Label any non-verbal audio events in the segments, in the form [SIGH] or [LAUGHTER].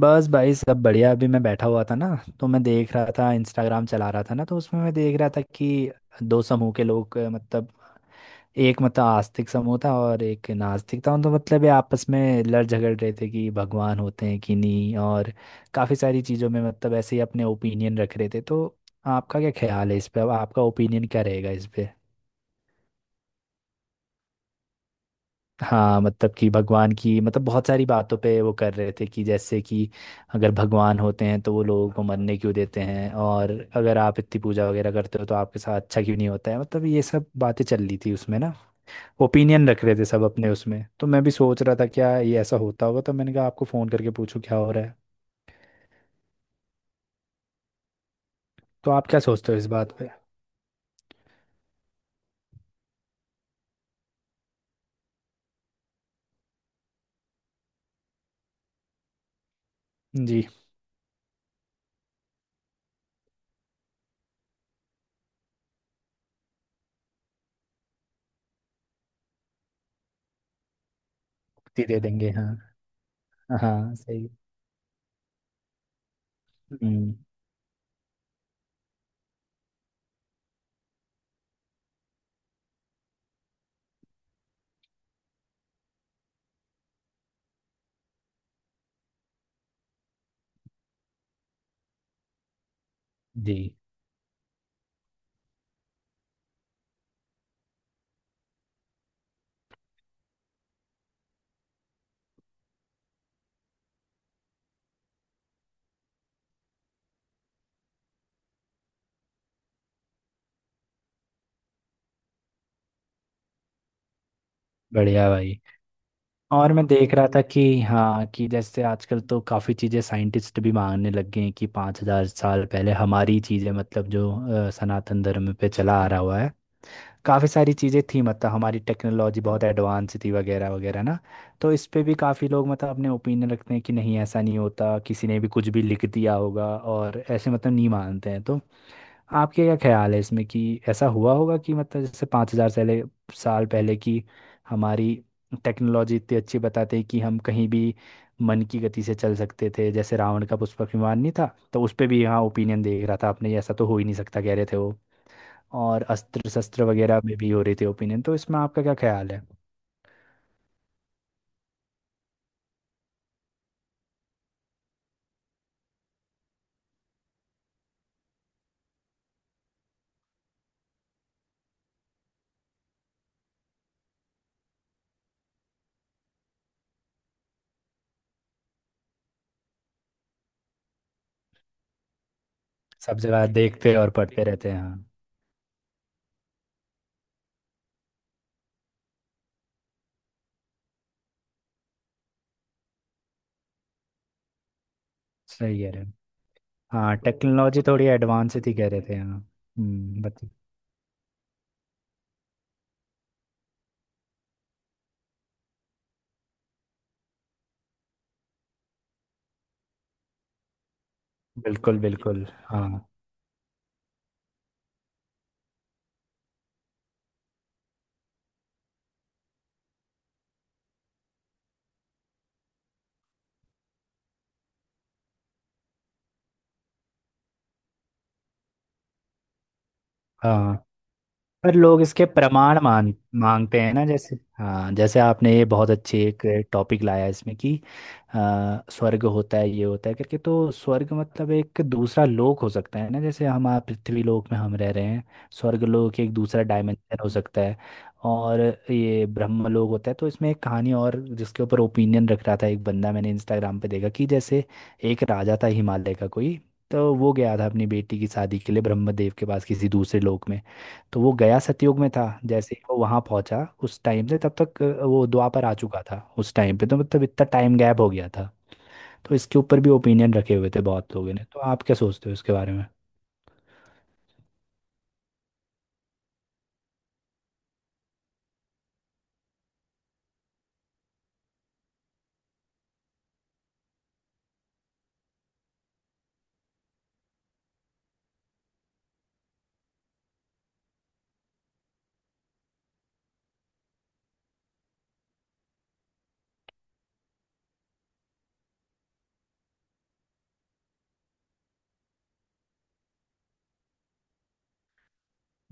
बस भाई सब बढ़िया। अभी मैं बैठा हुआ था ना, तो मैं देख रहा था, इंस्टाग्राम चला रहा था ना। तो उसमें मैं देख रहा था कि दो समूह के लोग, मतलब एक मतलब आस्तिक समूह था और एक नास्तिक था। तो मतलब ये आपस में लड़ झगड़ रहे थे कि भगवान होते हैं कि नहीं, और काफ़ी सारी चीज़ों में मतलब ऐसे ही अपने ओपिनियन रख रहे थे। तो आपका क्या ख्याल है इस पे, अब आपका ओपिनियन क्या रहेगा इस पे। हाँ मतलब कि भगवान की मतलब बहुत सारी बातों पे वो कर रहे थे कि जैसे कि अगर भगवान होते हैं तो वो लोगों को मरने क्यों देते हैं, और अगर आप इतनी पूजा वगैरह करते हो तो आपके साथ अच्छा क्यों नहीं होता है, मतलब ये सब बातें चल रही थी उसमें ना। ओपिनियन रख रहे थे सब अपने उसमें, तो मैं भी सोच रहा था क्या ये ऐसा होता होगा। तो मैंने कहा आपको फ़ोन करके पूछूं क्या हो रहा है। तो आप क्या सोचते हो इस बात पे। जी। दे देंगे, हाँ। हाँ सही। हम्म। जी। बढ़िया भाई। और मैं देख रहा था कि हाँ, कि जैसे आजकल तो काफ़ी चीज़ें साइंटिस्ट भी मांगने लग गए हैं कि 5,000 साल पहले हमारी चीज़ें, मतलब जो सनातन धर्म पे चला आ रहा हुआ है, काफ़ी सारी चीज़ें थी। मतलब हमारी टेक्नोलॉजी बहुत एडवांस थी वगैरह वगैरह ना। तो इस पे भी काफ़ी लोग मतलब अपने ओपिनियन रखते हैं कि नहीं ऐसा नहीं होता, किसी ने भी कुछ भी लिख दिया होगा, और ऐसे मतलब नहीं मानते हैं। तो आपके क्या ख्याल है इसमें कि ऐसा हुआ होगा कि मतलब जैसे पाँच हजार साल साल पहले की हमारी टेक्नोलॉजी इतनी अच्छी बताते हैं कि हम कहीं भी मन की गति से चल सकते थे, जैसे रावण का पुष्पक विमान नहीं था। तो उस पे भी यहाँ ओपिनियन देख रहा था, आपने ऐसा तो हो ही नहीं सकता कह रहे थे वो। और अस्त्र शस्त्र वगैरह में भी हो रही थी ओपिनियन। तो इसमें आपका क्या ख्याल है। सब जगह देखते और पढ़ते रहते हैं, हाँ। सही कह रहे हैं। हाँ टेक्नोलॉजी थोड़ी एडवांस थी कह रहे थे, हाँ। हम्म, बत- बिल्कुल बिल्कुल। हाँ। हाँ, पर लोग इसके प्रमाण मांगते हैं ना। जैसे हाँ, जैसे आपने ये बहुत अच्छी एक टॉपिक लाया इसमें कि स्वर्ग होता है ये होता है करके। तो स्वर्ग मतलब एक दूसरा लोक हो सकता है ना, जैसे हम आप पृथ्वी लोक में हम रह रहे हैं, स्वर्ग लोक एक दूसरा डायमेंशन हो सकता है। और ये ब्रह्म लोक होता है। तो इसमें एक कहानी, और जिसके ऊपर ओपिनियन रख रहा था एक बंदा, मैंने इंस्टाग्राम पे देखा कि जैसे एक राजा था हिमालय का कोई, तो वो गया था अपनी बेटी की शादी के लिए ब्रह्मदेव के पास किसी दूसरे लोक में। तो वो गया सतयुग में था, जैसे ही वो वहां पहुंचा उस टाइम से तब तक वो द्वापर आ चुका था उस टाइम पे, तो मतलब इतना टाइम गैप हो गया था। तो इसके ऊपर भी ओपिनियन रखे हुए थे बहुत लोगों ने। तो आप क्या सोचते हो इसके बारे में।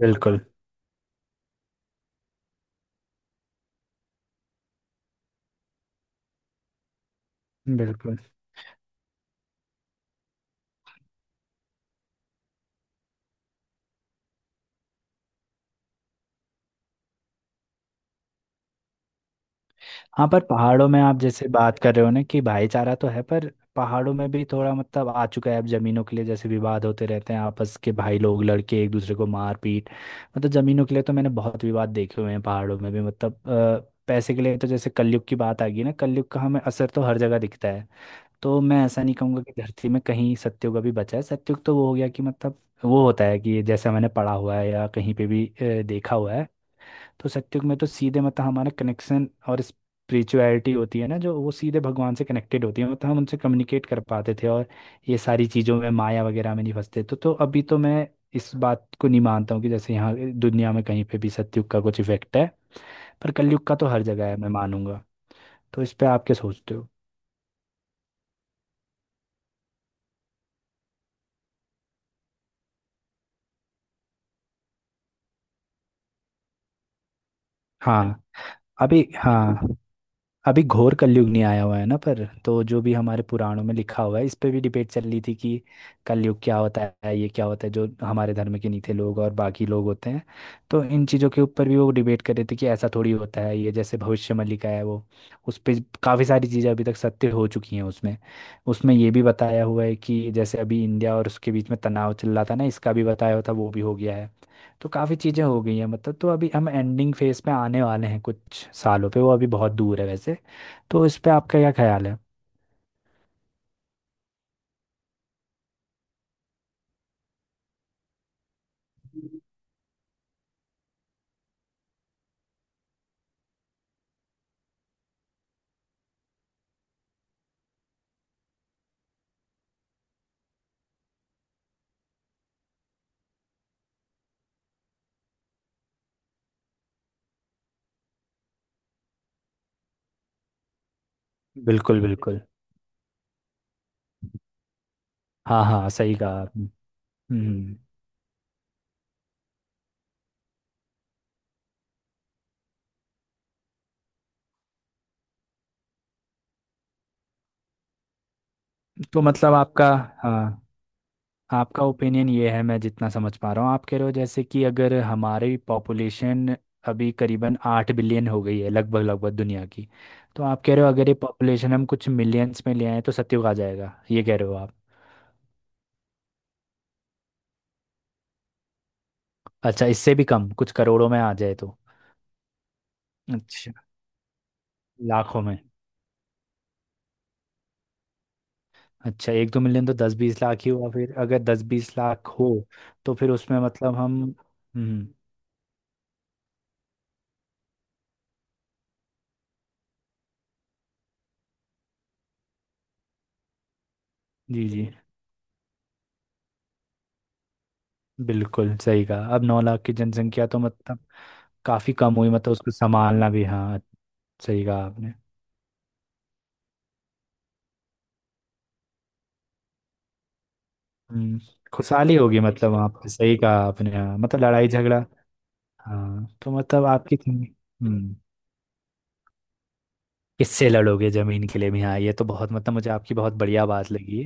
बिल्कुल बिल्कुल। हाँ, पर पहाड़ों में आप जैसे बात कर रहे हो ना कि भाईचारा तो है, पर पहाड़ों में भी थोड़ा मतलब आ चुका है अब। जमीनों के लिए जैसे विवाद होते रहते हैं, आपस के भाई लोग लड़के एक दूसरे को मार पीट, मतलब जमीनों के लिए तो मैंने बहुत विवाद देखे हुए हैं पहाड़ों में भी। मतलब पैसे के लिए, तो जैसे कलयुग की बात आ गई ना, कलयुग का हमें असर तो हर जगह दिखता है। तो मैं ऐसा नहीं कहूँगा कि धरती में कहीं सत्युग अभी बचा है। सत्युग तो वो हो गया कि मतलब वो होता है कि जैसा मैंने पढ़ा हुआ है या कहीं पे भी देखा हुआ है। तो सत्युग में तो सीधे मतलब हमारा कनेक्शन और स्पिरिचुअलिटी होती है ना, जो वो सीधे भगवान से कनेक्टेड होती है, मतलब हम उनसे कम्युनिकेट कर पाते थे और ये सारी चीज़ों में माया वगैरह में नहीं फंसते। तो अभी तो मैं इस बात को नहीं मानता हूँ कि जैसे यहाँ दुनिया में कहीं पे भी सत्युग का कुछ इफेक्ट है, पर कलयुग का तो हर जगह है, मैं मानूंगा। तो इस पे आप क्या सोचते हो। हाँ। अभी हाँ, अभी घोर कलयुग नहीं आया हुआ है ना पर। तो जो भी हमारे पुराणों में लिखा हुआ है इस पे भी डिबेट चल रही थी कि कलयुग क्या होता है, ये क्या होता है, जो हमारे धर्म के नीचे लोग और बाकी लोग होते हैं। तो इन चीज़ों के ऊपर भी वो डिबेट कर रहे थे कि ऐसा थोड़ी होता है ये, जैसे भविष्य में लिखा है वो, उस पे काफ़ी सारी चीज़ें अभी तक सत्य हो चुकी हैं उसमें उसमें ये भी बताया हुआ है कि जैसे अभी इंडिया और उसके बीच में तनाव चल रहा था ना, इसका भी बताया हुआ था, वो भी हो गया है। तो काफ़ी चीज़ें हो गई हैं मतलब। तो अभी हम एंडिंग फेज में आने वाले हैं कुछ सालों पे, वो अभी बहुत दूर है वैसे। तो इस पे आपका क्या ख्याल है। बिल्कुल बिल्कुल। हाँ हाँ सही कहा आपने। हम्म। तो मतलब आपका, हाँ, आपका ओपिनियन ये है, मैं जितना समझ पा रहा हूँ आप कह रहे हो जैसे कि अगर हमारी पॉपुलेशन अभी करीबन 8 बिलियन हो गई है लगभग लगभग दुनिया की। तो आप कह रहे हो अगर ये पॉपुलेशन हम कुछ मिलियंस में ले आए तो सत्युग आ जाएगा, ये कह रहे हो आप। अच्छा, इससे भी कम, कुछ करोड़ों में आ जाए तो। अच्छा, लाखों में। अच्छा, 1-2 मिलियन तो 10-20 लाख ही हुआ। फिर अगर 10-20 लाख हो तो फिर उसमें मतलब हम। हम्म। जी जी। बिल्कुल सही कहा। अब 9 लाख की जनसंख्या तो मतलब काफी कम हुई, मतलब उसको संभालना भी, हाँ। सही कहा आपने, हम्म। खुशहाली होगी मतलब वहाँ पे, सही कहा आपने हाँ, मतलब लड़ाई झगड़ा। हाँ तो मतलब आपकी, हम्म, किससे लड़ोगे जमीन के लिए भी, हाँ। ये तो बहुत मतलब, मुझे आपकी बहुत बढ़िया बात लगी।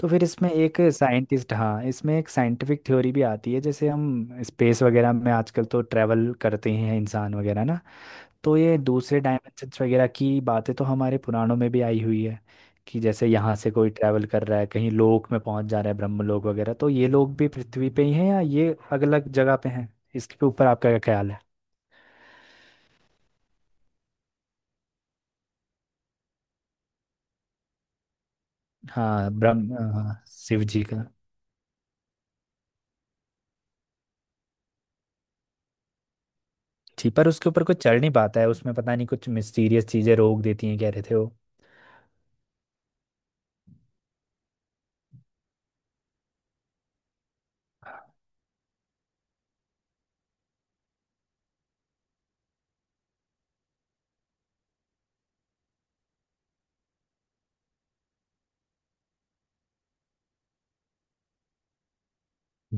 तो फिर इसमें एक साइंटिस्ट, हाँ, इसमें एक साइंटिफिक थ्योरी भी आती है जैसे हम स्पेस वगैरह में आजकल तो ट्रैवल करते ही हैं इंसान वगैरह ना। तो ये दूसरे डायमेंशंस वगैरह की बातें तो हमारे पुराणों में भी आई हुई है, कि जैसे यहाँ से कोई ट्रैवल कर रहा है कहीं लोक में पहुंच जा रहा है ब्रह्मलोक वगैरह। तो ये लोग भी पृथ्वी पे ही हैं या ये अलग अलग जगह पे हैं, इसके ऊपर आपका क्या ख्याल है। हाँ ब्रह्म हाँ, शिव जी का। जी, पर उसके ऊपर कुछ चढ़ नहीं पाता है उसमें, पता नहीं कुछ मिस्टीरियस चीजें रोक देती हैं कह रहे थे वो।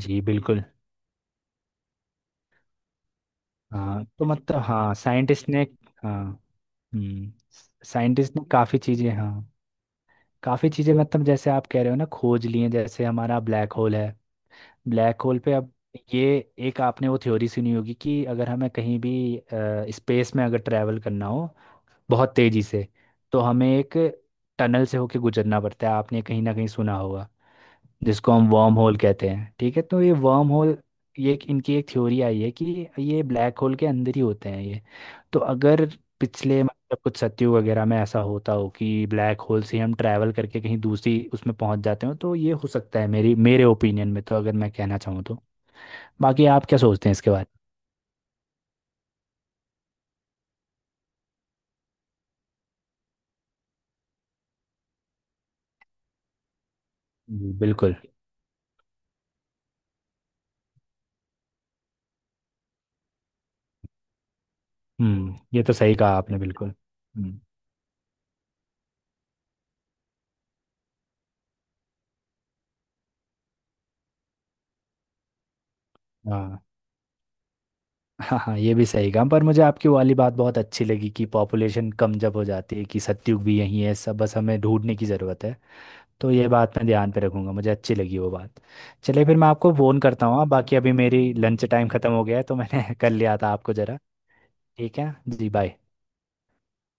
जी बिल्कुल। हाँ तो मतलब, हाँ साइंटिस्ट ने। हाँ। हम्म। साइंटिस्ट ने काफ़ी चीज़ें, हाँ। काफ़ी चीज़ें, मतलब जैसे आप कह रहे हो ना, खोज लिए हैं। जैसे हमारा ब्लैक होल है। ब्लैक होल पे अब ये, एक आपने वो थ्योरी सुनी होगी कि अगर हमें कहीं भी स्पेस में अगर ट्रैवल करना हो बहुत तेज़ी से, तो हमें एक टनल से होके गुजरना पड़ता है, आपने कहीं ना कहीं सुना होगा, जिसको हम वर्म होल कहते हैं, ठीक है। तो ये वर्म होल, इनकी एक थ्योरी आई है कि ये ब्लैक होल के अंदर ही होते हैं ये। तो अगर पिछले मतलब कुछ सत्युग वगैरह में ऐसा होता हो कि ब्लैक होल से हम ट्रैवल करके कहीं दूसरी उसमें पहुंच जाते हो, तो ये हो सकता है मेरी मेरे ओपिनियन में, तो अगर मैं कहना चाहूँ तो। बाकी आप क्या सोचते हैं इसके बारे में। जी बिल्कुल। हम्म, ये तो सही कहा आपने बिल्कुल। हम्म। हाँ। हाँ हाँ, ये भी सही कहा, पर मुझे आपकी वाली बात बहुत अच्छी लगी कि पॉपुलेशन कम जब हो जाती है, कि सत्युग भी यहीं है सब, बस हमें ढूंढने की ज़रूरत है। तो ये बात मैं ध्यान पे रखूंगा, मुझे अच्छी लगी वो बात। चलिए फिर, मैं आपको फ़ोन करता हूँ, हाँ, बाकी अभी मेरी लंच टाइम ख़त्म हो गया है तो मैंने [LAUGHS] कर लिया था आपको ज़रा। ठीक है जी, बाय।